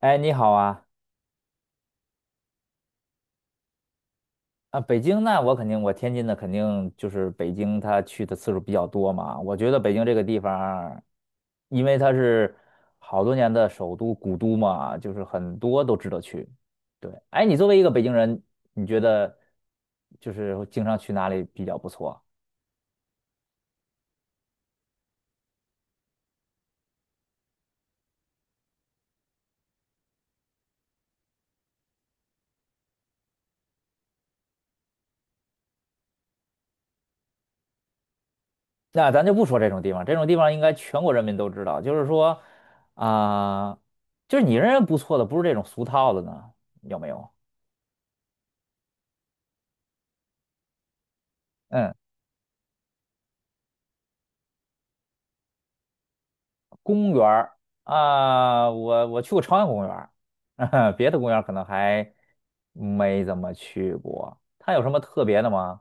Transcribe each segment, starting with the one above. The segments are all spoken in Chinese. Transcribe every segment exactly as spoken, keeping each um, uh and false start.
哎，你好啊！啊，北京那我肯定，我天津的肯定就是北京，他去的次数比较多嘛。我觉得北京这个地方因为它是好多年的首都古都嘛，就是很多都值得去。对，哎，你作为一个北京人，你觉得就是经常去哪里比较不错？那咱就不说这种地方，这种地方应该全国人民都知道。就是说，啊、就是你认为不错的，不是这种俗套的呢，有没有？嗯。公园儿啊，我我去过朝阳公园儿，别的公园儿可能还没怎么去过。它有什么特别的吗？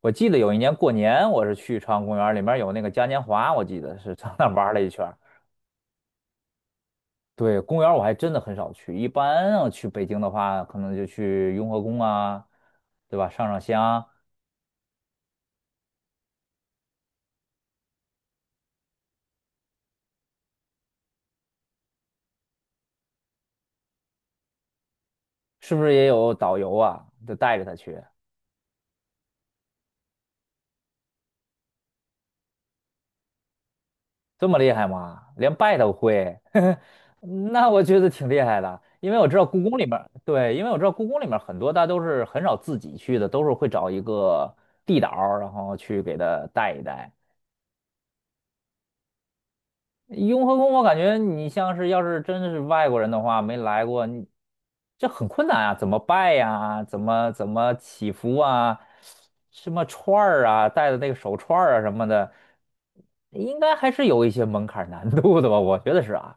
我记得有一年过年，我是去朝阳公园儿，里面有那个嘉年华，我记得是上那儿玩儿了一圈儿。对，公园儿我还真的很少去，一般要去北京的话，可能就去雍和宫啊，对吧？上上香，是不是也有导游啊，就带着他去？这么厉害吗？连拜都会，那我觉得挺厉害的。因为我知道故宫里面。对，因为我知道故宫里面很多，大都是很少自己去的，都是会找一个地导儿然后去给他带一带。雍和宫，我感觉你像是要是真的是外国人的话，没来过，你这很困难啊，怎么拜呀、怎么怎么祈福啊？什么串儿啊，戴的那个手串儿啊什么的，应该还是有一些门槛难度的吧？我觉得是啊。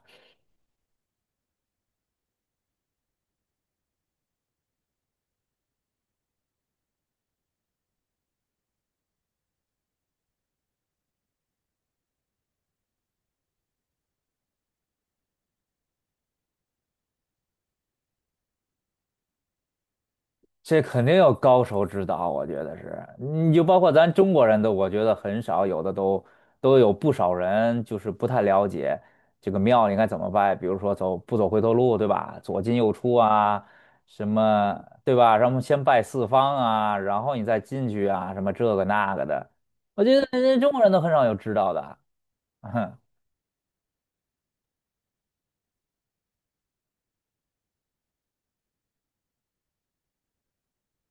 这肯定有高手指导，我觉得是，你就包括咱中国人都，我觉得很少，有的都都有不少人就是不太了解这个庙应该怎么拜，比如说走不走回头路，对吧？左进右出啊，什么对吧？然后先拜四方啊，然后你再进去啊，什么这个那个的，我觉得人家中国人都很少有知道的。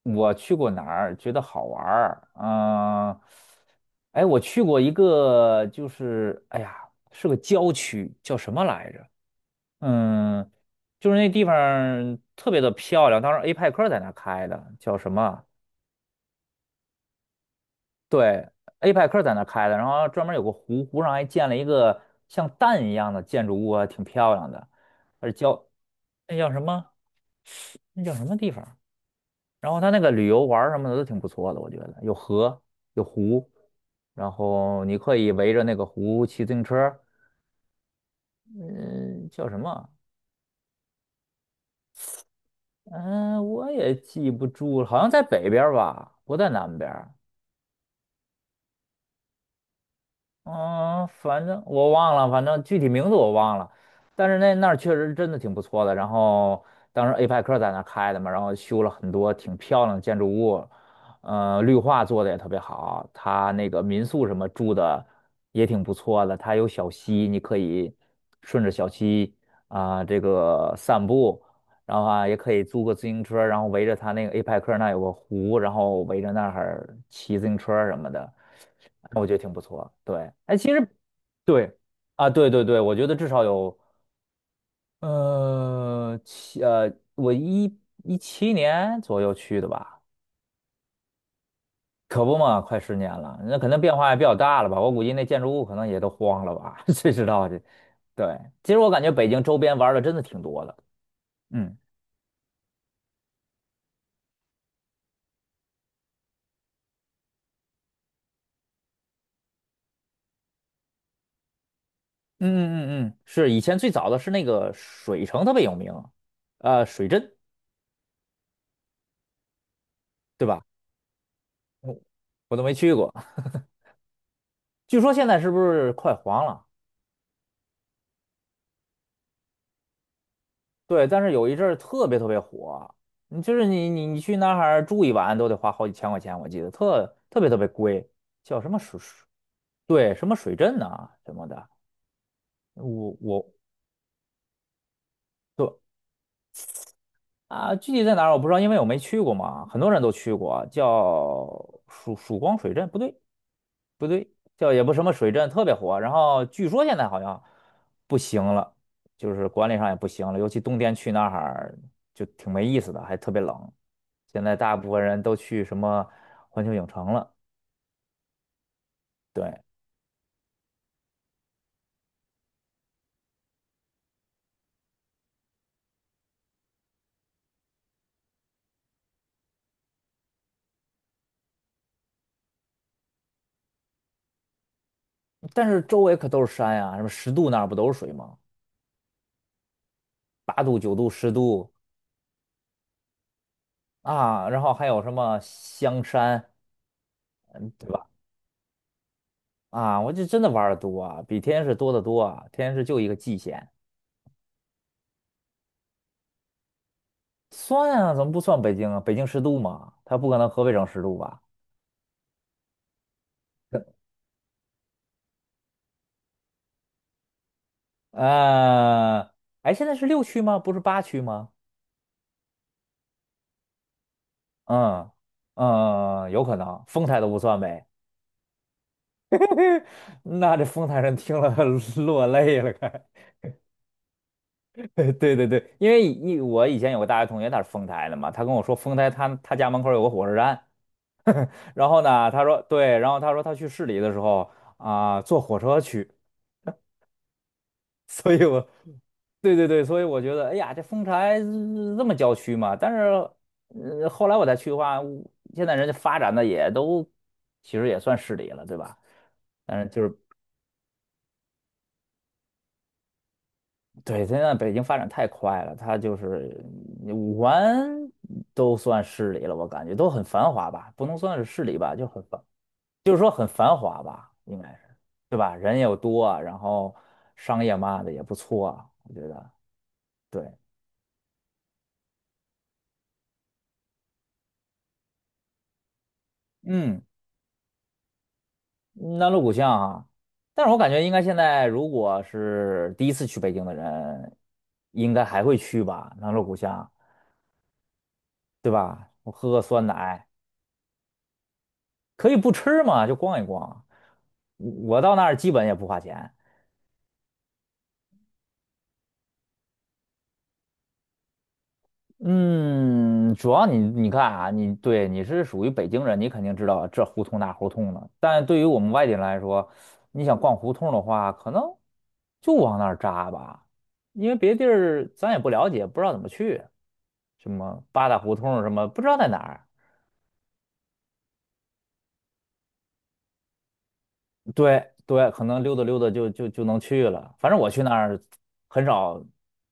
我去过哪儿觉得好玩儿？嗯、哎，我去过一个，就是哎呀，是个郊区，叫什么来着？嗯，就是那地方儿特别的漂亮，当时 A 派克在那儿开的，叫什么？对，A 派克在那儿开的，然后专门有个湖，湖上还建了一个像蛋一样的建筑物啊，挺漂亮的。而叫那叫什么？那叫什么地方？然后它那个旅游玩儿什么的都挺不错的，我觉得有河有湖，然后你可以围着那个湖骑自行车儿，嗯，叫什么？嗯，我也记不住了好像在北边儿吧，不在南边儿。嗯，反正我忘了，反正具体名字我忘了，但是那那儿确实真的挺不错的。然后当时 A P E C 在那儿开的嘛，然后修了很多挺漂亮的建筑物，呃，绿化做的也特别好。它那个民宿什么住的也挺不错的，它有小溪，你可以顺着小溪啊、这个散步，然后啊也可以租个自行车，然后围着它那个 A P E C 那儿有个湖，然后围着那儿骑自行车什么的。我觉得挺不错。对，哎，其实对啊，对对对，我觉得至少有呃七呃，我一一七年左右去的吧，可不嘛，快十年了，那可能变化也比较大了吧。我估计那建筑物可能也都荒了吧，谁知道这？对，其实我感觉北京周边玩儿的真的挺多的。嗯嗯嗯嗯嗯，是以前最早的是那个水城特别有名，呃，水镇对吧？我我都没去过，据说现在是不是快黄了？对，但是有一阵儿特别特别火，你就是你你你去那儿住一晚都得花好几千块钱，我记得特特别特别贵，叫什么水水，对，什么水镇呐、什么的，我我对啊，具体在哪儿我不知道，因为我没去过嘛，很多人都去过啊，叫曙曙光水镇，不对，不对，叫也不什么水镇特别火，然后据说现在好像不行了，就是管理上也不行了，尤其冬天去那儿就挺没意思的，还特别冷。现在大部分人都去什么环球影城了，对，但是周围可都是山呀、什么十渡那儿不都是水吗？八渡、九渡、十渡啊，然后还有什么香山，嗯，对吧？啊，我就真的玩的多啊，比天津市多得多啊，天津市就一个蓟县。算啊，怎么不算北京啊？北京十度嘛，它不可能河北省十度吧？呃，哎，现在是六区吗？不是八区吗？嗯嗯，有可能，丰台都不算呗。那这丰台人听了 落泪了，该。对对对，因为一我以前有个大学同学，他是丰台的嘛，他跟我说丰台他他家门口有个火车站，然后呢，他说对，然后他说他去市里的时候啊、坐火车去，所以我对对对，所以我觉得，哎呀，这丰台呃这么郊区嘛，但是，呃，后来我再去的话，我现在人家发展的也都，其实也算市里了，对吧？但是就是对，现在北京发展太快了，它就是嗯五环都算市里了，我感觉都很繁华吧，不能算是市里吧，就很繁，就是说很繁华吧，应该是，对吧？人又多啊，然后商业嘛的也不错啊，我觉得，对，嗯。南锣鼓巷啊，但是我感觉应该现在如果是第一次去北京的人，应该还会去吧，南锣鼓巷，对吧？我喝个酸奶，可以不吃嘛，就逛一逛。我到那儿基本也不花钱。嗯，主要你你看啊，你对你是属于北京人，你肯定知道这胡同那胡同的。但对于我们外地人来说，你想逛胡同的话，可能就往那儿扎吧，因为别地儿咱也不了解，不知道怎么去。什么八大胡同什么，不知道在哪儿。对对，可能溜达溜达就就就能去了。反正我去那儿很少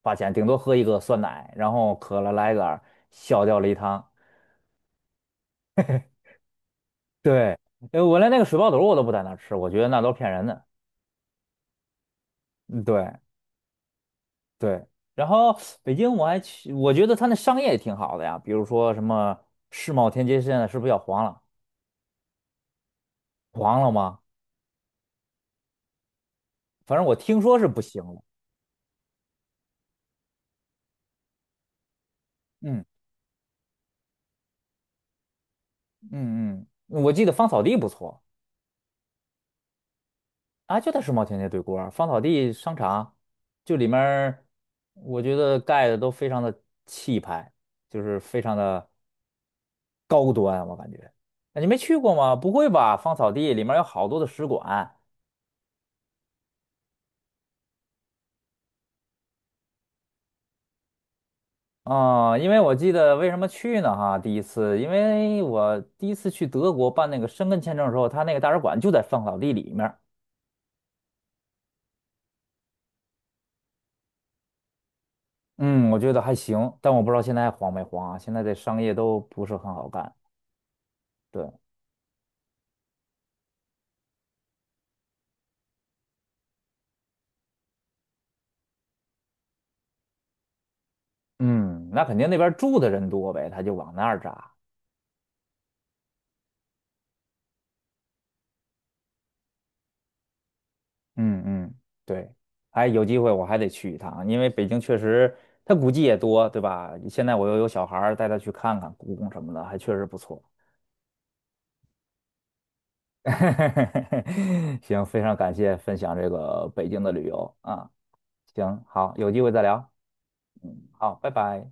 花钱，顶多喝一个酸奶，然后渴了来一杆儿小吊梨汤。对，呃我连那个水爆肚我都不在那儿吃，我觉得那都是骗人的。嗯对对，然后北京我还去，我觉得它那商业也挺好的呀，比如说什么世贸天阶现在是不是要黄了？黄了吗？反正我听说是不行了。嗯嗯嗯，我记得芳草地不错。啊，就在世贸天阶对过儿啊，芳草地商场，就里面儿，我觉得盖的都非常的气派，就是非常的高端，我感觉。啊你没去过吗？不会吧？芳草地里面有好多的使馆啊，因为我记得为什么去呢？哈，第一次，因为我第一次去德国办那个申根签证的时候，他那个大使馆就在芳草地里面儿。嗯，我觉得还行，但我不知道现在还黄没黄啊？现在这商业都不是很好干。对。嗯，那肯定那边住的人多呗，他就往那儿扎。嗯嗯，对，哎，有机会我还得去一趟，因为北京确实它古迹也多，对吧？现在我又有小孩儿，带他去看看故宫什么的，还确实不错。行，非常感谢分享这个北京的旅游啊，行，好，有机会再聊，好，拜拜。